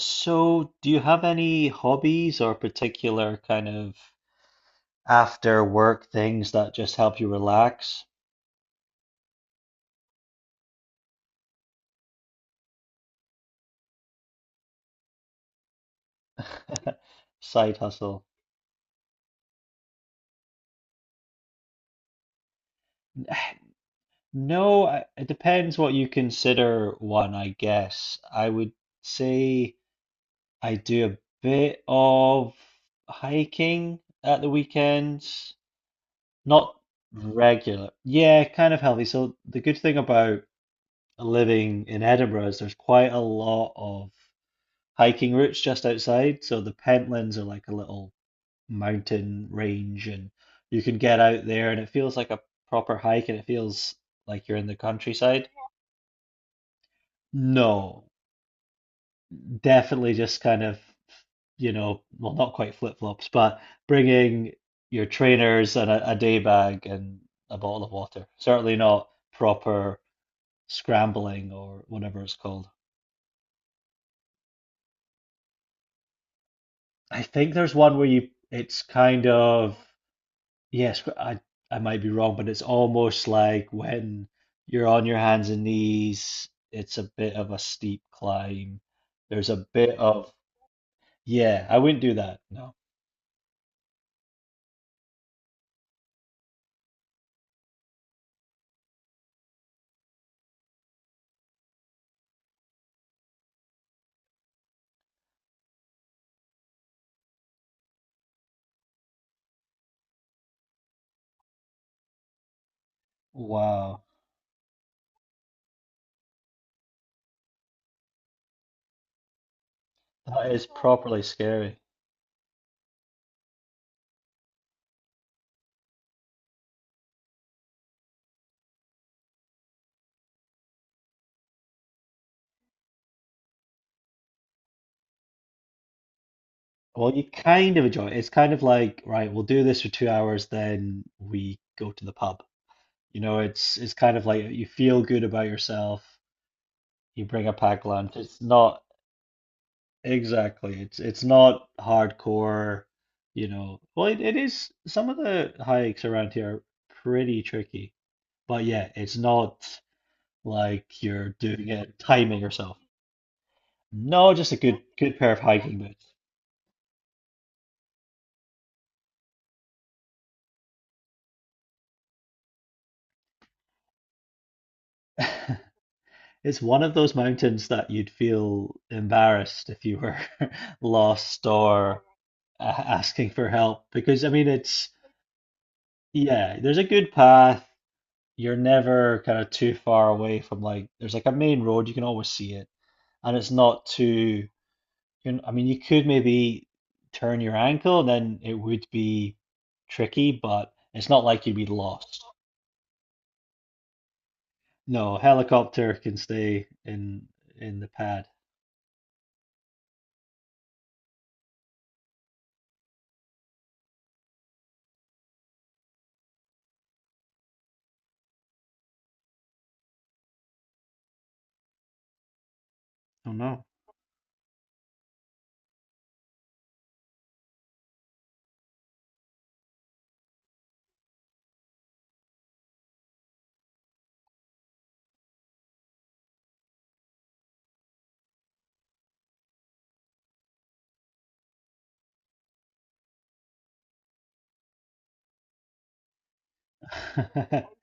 So, do you have any hobbies or particular kind of after work things that just help you relax? Side hustle. No, it depends what you consider one, I guess. I would say I do a bit of hiking at the weekends, not regular. Yeah, kind of healthy. So the good thing about living in Edinburgh is there's quite a lot of hiking routes just outside. So the Pentlands are like a little mountain range, and you can get out there, and it feels like a proper hike, and it feels like you're in the countryside. No, definitely just kind of, well, not quite flip-flops, but bringing your trainers and a day bag and a bottle of water. Certainly not proper scrambling or whatever it's called. I think there's one where you, it's kind of, yes, but I might be wrong, but it's almost like when you're on your hands and knees, it's a bit of a steep climb. There's a bit of, yeah, I wouldn't do that. No. Wow. That is properly scary. Well, you kind of enjoy it. It's kind of like, right, we'll do this for 2 hours, then we go to the pub. You know, it's kind of like you feel good about yourself, you bring a pack lunch. It's not. Exactly. It's not hardcore. Well, it is, some of the hikes around here are pretty tricky. But yeah, it's not like you're doing it, timing yourself. No, just a good pair of hiking boots. It's one of those mountains that you'd feel embarrassed if you were lost or asking for help, because I mean, it's, yeah, there's a good path. You're never kind of too far away from, like, there's like a main road, you can always see it, and it's not too, I mean, you could maybe turn your ankle, then it would be tricky, but it's not like you'd be lost. No helicopter can stay in the pad. Oh no.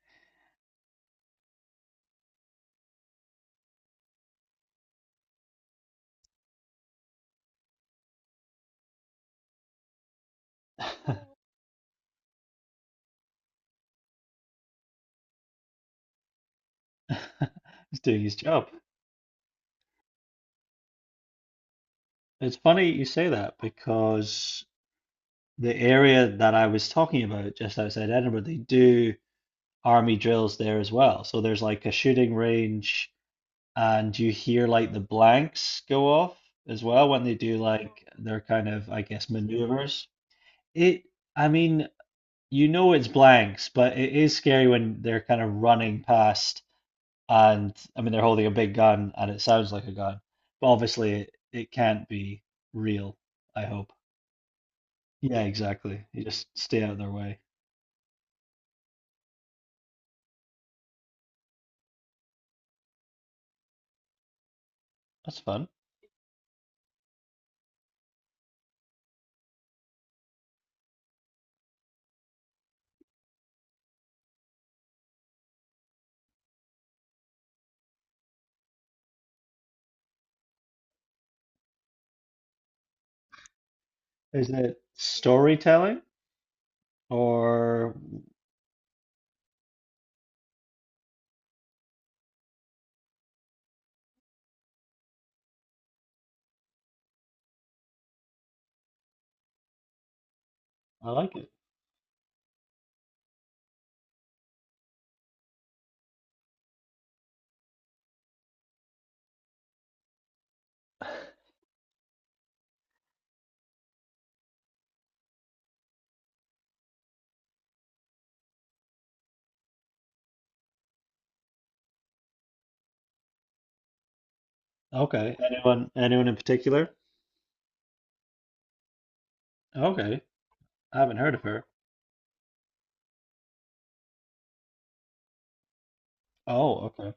He's doing his job. It's funny you say that, because the area that I was talking about just outside Edinburgh, they do army drills there as well. So there's like a shooting range, and you hear like the blanks go off as well when they do like their kind of, I guess, maneuvers. It, I mean, you know it's blanks, but it is scary when they're kind of running past, and I mean, they're holding a big gun, and it sounds like a gun, but obviously it can't be real, I hope. Yeah, exactly. You just stay out of their way. That's fun. Is it storytelling or I like it? Okay. Anyone in particular? Okay. I haven't heard of her. Oh, okay.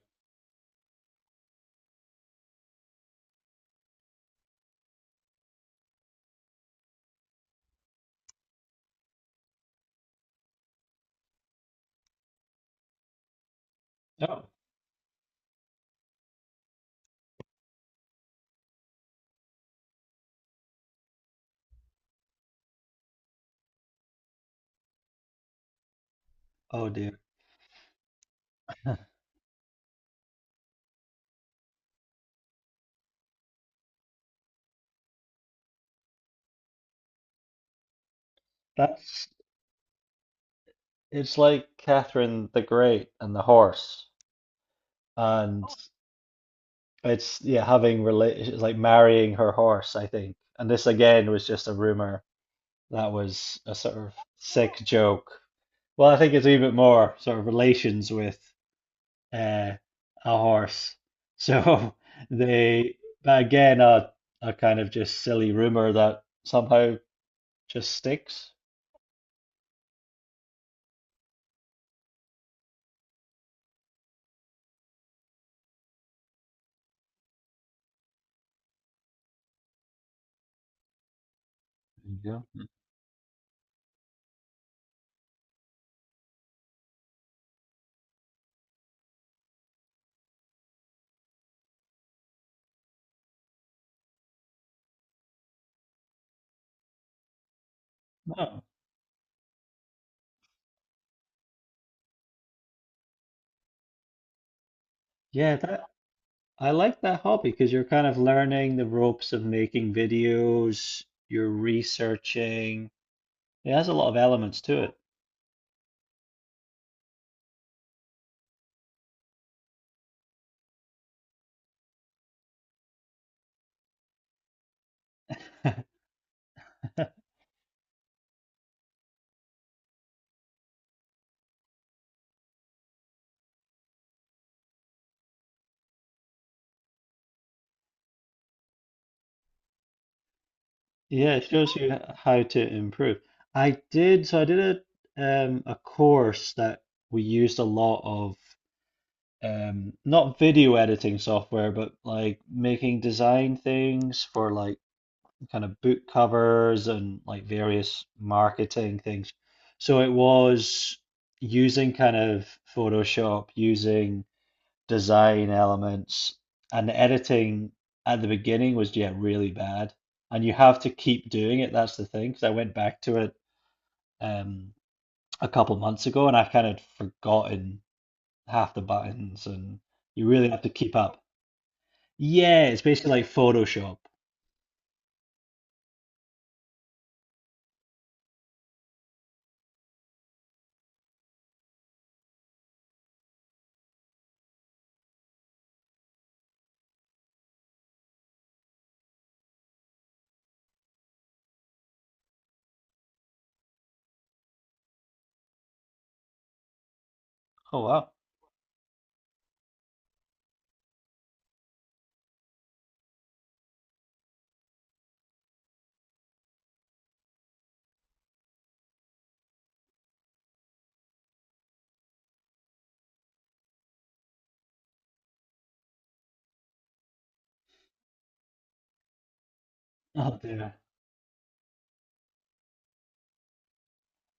Oh. Oh dear. That's it's like Catherine the Great and the horse. And it's, yeah, having rela it's like marrying her horse, I think. And this again was just a rumor that was a sort of sick joke. Well, I think it's even more sort of relations with uh, a horse. So they, but again, a kind of just silly rumor that somehow just sticks. Yeah. you Oh, yeah, that I like that hobby, because you're kind of learning the ropes of making videos, you're researching. It has a lot of elements to it. Yeah, it shows you how to improve. I did, so I did a a course that we used a lot of, not video editing software, but like making design things for, like, kind of book covers and like various marketing things. So it was using kind of Photoshop, using design elements. And the editing at the beginning was, yeah, really bad, and you have to keep doing it. That's the thing, because I went back to it, um a couple months ago, and I've kind of forgotten half the buttons, and you really have to keep up. Yeah, it's basically like Photoshop. Oh wow. Oh dear.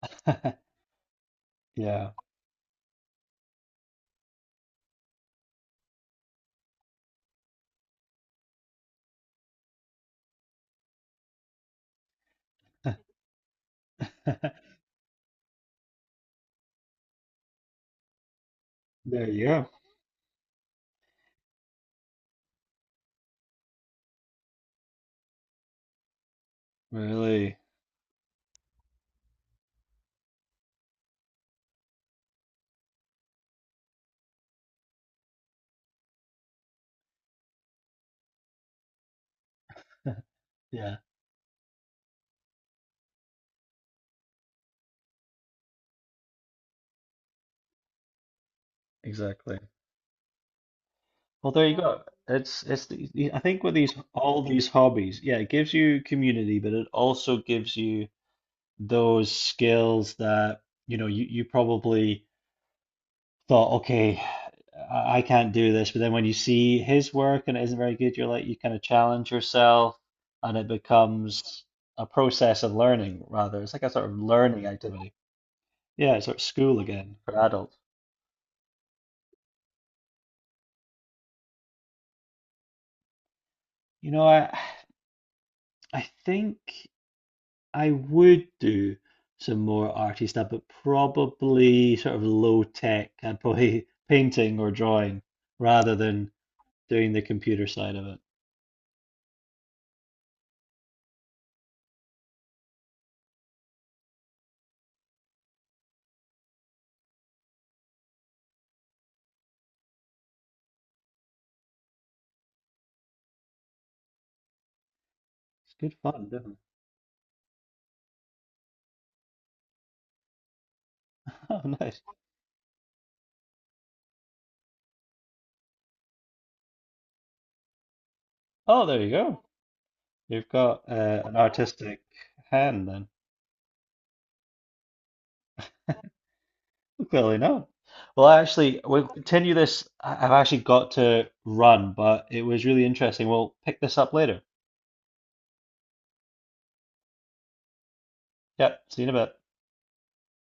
Yeah. There you go. Really. Yeah. Exactly. Well, there you go. It's the, I think, with these, all these hobbies, yeah, it gives you community, but it also gives you those skills that, you probably thought, okay, I can't do this. But then when you see his work and it isn't very good, you're like, you kind of challenge yourself, and it becomes a process of learning, rather. It's like a sort of learning activity. Yeah, it's sort of school again for adults. You know, I think I would do some more arty stuff, but probably sort of low tech. I'd probably painting or drawing, rather than doing the computer side of it. It's good fun, definitely. Oh, nice. Oh, there you go. You've got an artistic hand then. Clearly not. Well, actually, we'll continue this. I've actually got to run, but it was really interesting. We'll pick this up later. Yep, see you in a bit.